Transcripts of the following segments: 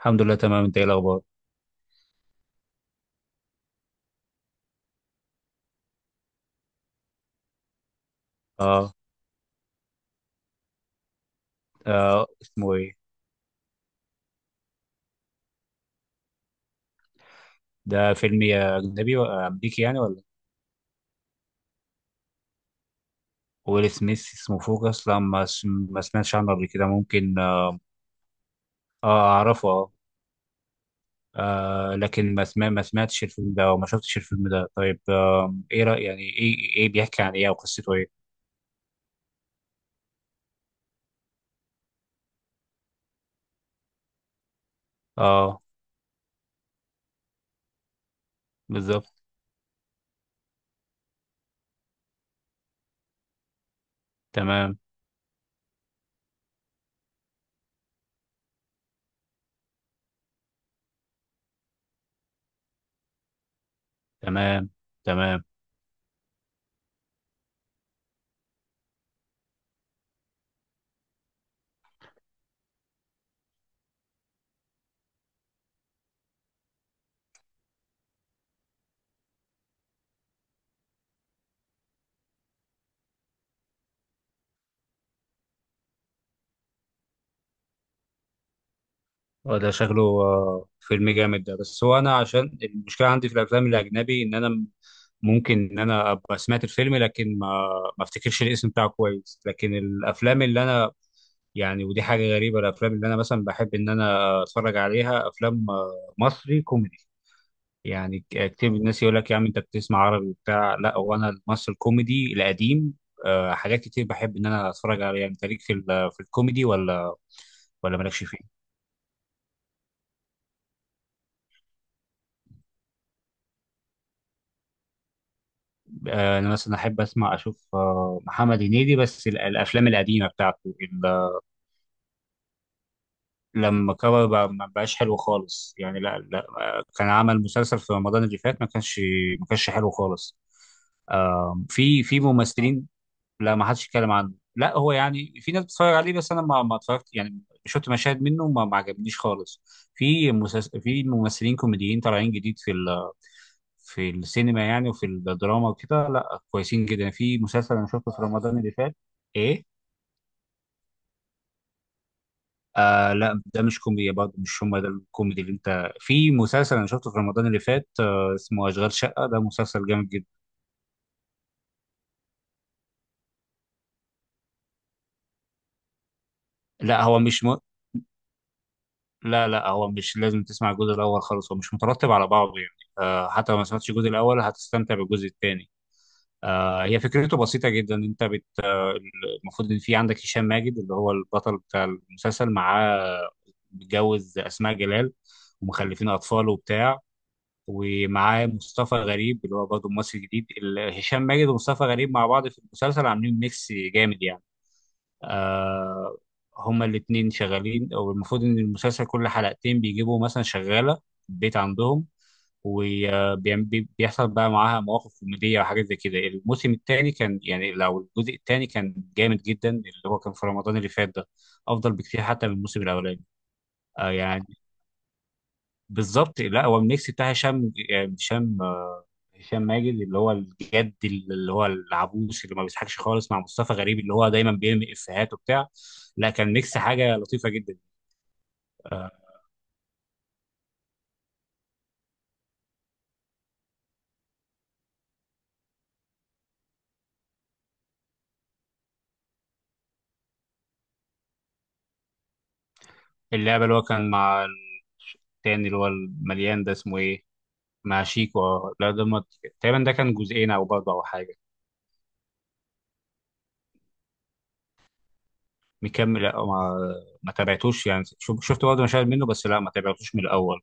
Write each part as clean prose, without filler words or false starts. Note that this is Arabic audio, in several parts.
الحمد لله، تمام. انت ايه الاخبار؟ اه, آه، اسمه ايه؟ ده فيلم يا اجنبي ولا امريكي يعني، ولا ويل سميث؟ اسمه فوكس؟ لا، ما سمعتش عنه قبل كده. ممكن آه اعرفه اه. آه، لكن ما سمعتش الفيلم ده وما شفتش الفيلم ده. طيب آه، ايه رأي يعني، ايه ايه بيحكي عن ايه؟ او قصته ايه؟ اه، بالظبط. تمام. تمام. تمام. آه، ده شكله فيلم جامد ده. بس هو انا عشان المشكله عندي في الافلام الاجنبي ان انا ممكن ان انا ابقى سمعت الفيلم، لكن ما افتكرش الاسم بتاعه كويس. لكن الافلام اللي انا يعني، ودي حاجه غريبه، الافلام اللي انا مثلا بحب ان انا اتفرج عليها افلام مصري كوميدي. يعني كتير من الناس يقول لك يا عم انت بتسمع عربي وبتاع، لا، هو انا المصري الكوميدي القديم آه، حاجات كتير بحب ان انا اتفرج عليها. انت ليك في في الكوميدي ولا مالكش فيه؟ انا مثلا احب اسمع اشوف محمد هنيدي، بس الافلام القديمه بتاعته. لما كبر بقى ما بقاش حلو خالص يعني. لا لا، كان عمل مسلسل في رمضان اللي فات، ما كانش حلو خالص. آه، في ممثلين. لا، ما حدش يتكلم عنه. لا، هو يعني في ناس بتتفرج عليه، بس انا ما اتفرجت. يعني شفت مشاهد منه، ما عجبنيش خالص. في ممثلين كوميديين طالعين جديد في في السينما يعني، وفي الدراما وكده. لا كويسين جدا. في مسلسل انا شفته في رمضان اللي فات. ايه؟ آه لا، ده مش كوميديا برضه، مش هم ده الكوميدي اللي انت. في مسلسل انا شفته في رمضان اللي فات آه، اسمه اشغال شقة. ده مسلسل جامد جدا. لا هو مش م... لا لا، هو مش لازم تسمع الجزء الاول خالص، هو مش مترتب على بعضه يعني. آه، حتى لو ما سمعتش الجزء الاول هتستمتع بالجزء الثاني. آه، هي فكرته بسيطه جدا. انت بت آه، المفروض ان في عندك هشام ماجد اللي هو البطل بتاع المسلسل، معاه متجوز اسماء جلال، ومخلفين اطفال وبتاع، ومعاه مصطفى غريب اللي هو برضه ممثل جديد. هشام ماجد ومصطفى غريب مع بعض في المسلسل عاملين ميكس جامد يعني. آه، هما الاتنين شغالين، او المفروض ان المسلسل كل حلقتين بيجيبوا مثلا شغالة في البيت عندهم، وبيحصل بقى معاها مواقف كوميدية وحاجات زي كده. الموسم الثاني كان يعني، لو الجزء الثاني كان جامد جدا، اللي هو كان في رمضان اللي فات ده، أفضل بكتير حتى من الموسم الأولاني. آه يعني، بالظبط. لا، هو الميكس بتاع هشام. يعني هشام ماجد اللي هو الجد اللي هو العبوس اللي ما بيضحكش خالص، مع مصطفى غريب اللي هو دايما بيرمي افيهات وبتاع. لا، كان ميكس حاجه لطيفه جدا. آه، اللعبه اللي هو كان مع التاني اللي هو المليان ده، اسمه ايه؟ مع شيكو. لا ده ما- تقريبا ده كان جزئين او برضه او حاجه. مكمل؟ لا، ما تابعتوش يعني. شفت برضه مشاهد منه بس، لا ما تابعتوش من الاول.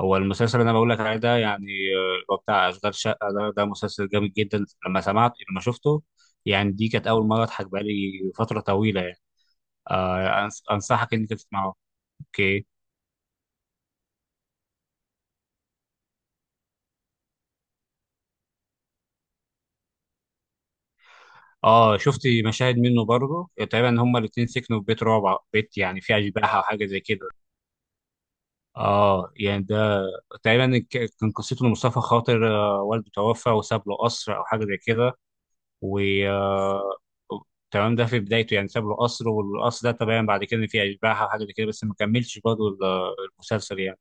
هو المسلسل اللي انا بقول لك عليه ده يعني آه، هو بتاع اشغال شقه ده، ده مسلسل جامد جدا. لما سمعت، لما شفته يعني، دي كانت اول مره اضحك بقالي فتره طويله يعني. آه انصحك انك تسمعه. اوكي. اه شفت مشاهد منه برضه. تقريبا هما الاثنين سكنوا في بيت رعب، بيت يعني فيه اشباح او حاجه زي كده. اه يعني ده تقريبا كان قصته إن مصطفى خاطر آه، والده توفى وساب له قصر او حاجه زي كده. و آه، تمام. ده في بدايته يعني ساب له قصر، والقصر ده تمام، بعد كده إن في اشباح او حاجه زي كده، بس ما كملش برضه المسلسل يعني.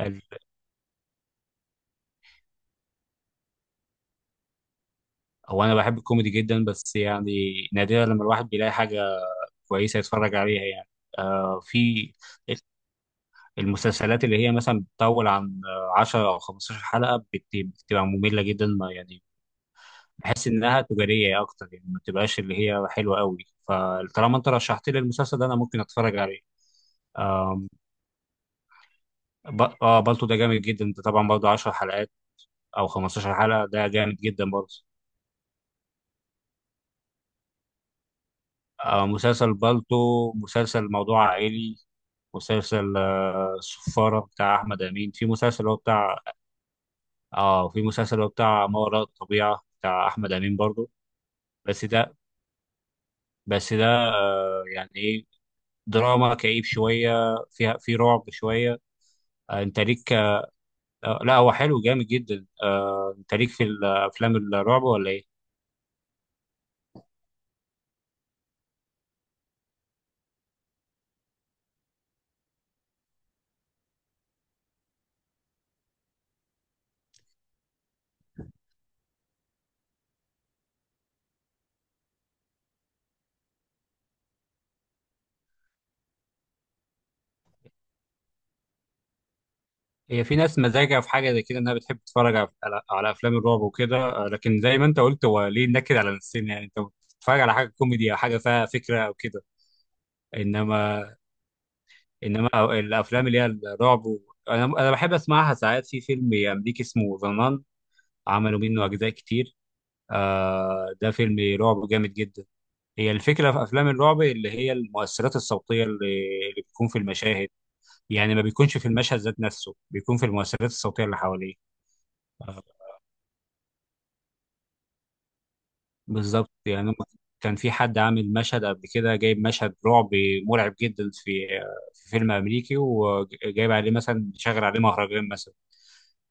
ال- هو انا بحب الكوميدي جدا، بس يعني نادرا لما الواحد بيلاقي حاجه كويسه يتفرج عليها يعني. آه، في المسلسلات اللي هي مثلا بتطول عن 10 او 15 حلقه، بتبقى ممله جدا ما يعني. بحس انها تجاريه اكتر يعني، ما بتبقاش اللي هي حلوه قوي. فطالما انت رشحت لي المسلسل ده، انا ممكن اتفرج عليه. آه، ب... اه بالطو ده جامد جدا، ده طبعا برضه 10 حلقات او 15 حلقة. ده جامد جدا برضه. آه، مسلسل بالطو، مسلسل موضوع عائلي. مسلسل آه السفارة بتاع أحمد أمين. في مسلسل هو بتاع ما وراء الطبيعة بتاع أحمد أمين برضه. بس ده بس ده آه، يعني إيه، دراما كئيب شوية، فيها في رعب شوية. آه، أنت ليك. آه لا، هو حلو جامد جدا. آه، أنت ليك في الأفلام الرعب ولا إيه؟ هي في ناس مزاجها في حاجه زي كده انها بتحب تتفرج على افلام الرعب وكده. آه، لكن زي ما انت قلت، هو ليه نكد على نفسنا يعني؟ انت بتتفرج على حاجه كوميدي او حاجه فيها فكره او كده. انما الافلام اللي هي الرعب و... انا بحب اسمعها ساعات. في فيلم امريكي اسمه ذا نان، عملوا منه اجزاء كتير. آه، ده فيلم رعب جامد جدا. هي الفكره في افلام الرعب اللي هي المؤثرات الصوتيه اللي بتكون في المشاهد يعني. ما بيكونش في المشهد ذات نفسه، بيكون في المؤثرات الصوتيه اللي حواليه. آه، بالظبط يعني كان في حد عامل مشهد قبل كده، جايب مشهد رعب مرعب جدا في فيلم امريكي، وجايب عليه مثلا شغل عليه مهرجان مثلا.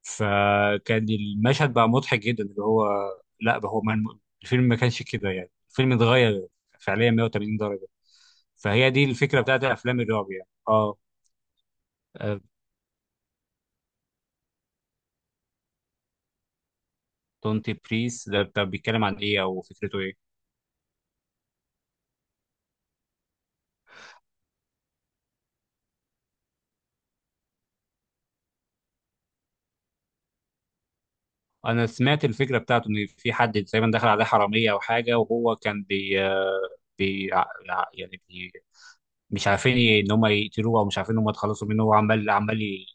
فكان المشهد بقى مضحك جدا اللي هو. لا بقى، هو ما الفيلم ما كانش كده يعني، الفيلم اتغير فعليا 180 درجة. فهي دي الفكرة بتاعت افلام الرعب يعني اه. دونتي بريس ده، طب بيتكلم عن ايه او فكرته ايه؟ انا سمعت الفكره بتاعته ان في حد تقريبا دخل عليه حراميه او حاجه، وهو كان بي, آه، بي ع- ع- يعني بي مش عارفين ان هم يقتلوه او مش عارفين ان هم يتخلصوا منه. هو عمال عمال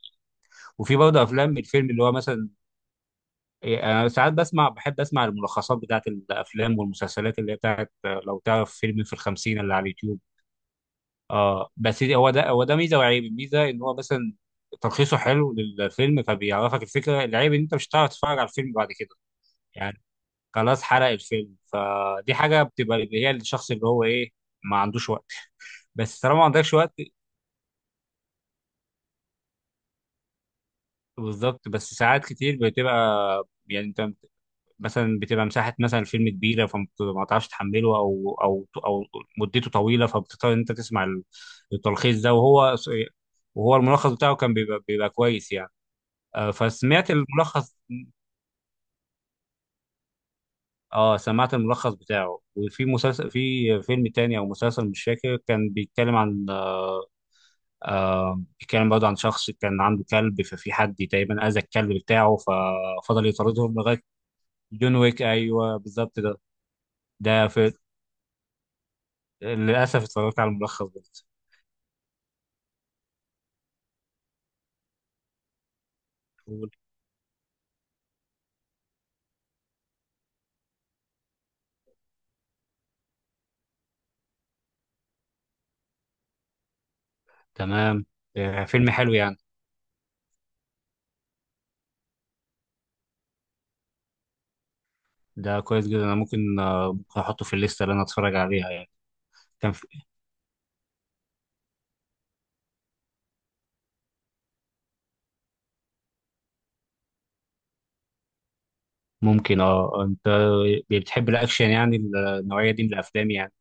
وفي برضه افلام. الفيلم اللي هو مثلا إيه، انا ساعات بسمع بحب اسمع الملخصات بتاعت الافلام والمسلسلات اللي هي بتاعت آه، لو تعرف فيلم في الخمسين اللي على اليوتيوب. اه بس هو ده ميزه وعيب. الميزه ان هو مثلا تلخيصه حلو للفيلم، فبيعرفك الفكره. العيب ان انت مش هتعرف تتفرج على الفيلم بعد كده يعني. خلاص، حرق الفيلم. فدي حاجه بتبقى اللي هي الشخص اللي هو ايه، ما عندوش وقت. بس طالما ما عندكش وقت. بالظبط، بس ساعات كتير بتبقى يعني انت مثلا بتبقى مساحه مثلا الفيلم كبيره، فما تعرفش تحمله او مدته طويله، فبتضطر ان انت تسمع التلخيص ده. وهو الملخص بتاعه كان بيبقى كويس يعني. آه، فسمعت الملخص. اه، سمعت الملخص بتاعه. وفي مسلسل، في فيلم تاني او مسلسل مش فاكر، كان بيتكلم عن آه، بيتكلم برضه عن شخص كان عنده كلب، ففي حد تقريبا أذى الكلب بتاعه، ففضل يطاردهم لغاية. جون ويك، أيوه بالظبط ده. ده في للأسف اتفرجت على الملخص برضه. تمام. آه، فيلم حلو يعني. ده كويس جدا، أنا ممكن ممكن أحطه في الليستة اللي أنا أتفرج عليها يعني. كان في- ممكن. أه، أنت بتحب الأكشن يعني؟ النوعية دي من الأفلام يعني؟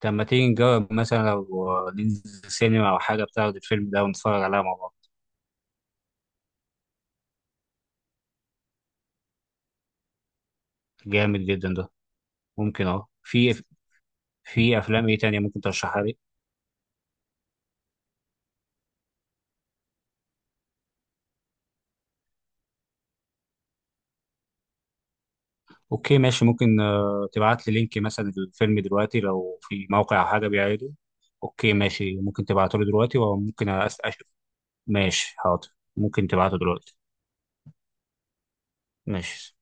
طب ما تيجي نجرب مثلا لو ننزل سينما أو حاجة، بتاخد الفيلم ده ونتفرج عليها مع بعض. جامد جدا ده. ممكن. اه، في افلام ايه تانية ممكن ترشحها لي؟ اوكي ماشي. ممكن تبعت لي لينك مثلا الفيلم دلوقتي لو في موقع او حاجه بيعرضه. اوكي ماشي. ممكن تبعته لي دلوقتي وممكن اشوف. ماشي حاضر. ممكن تبعته دلوقتي. ماشي.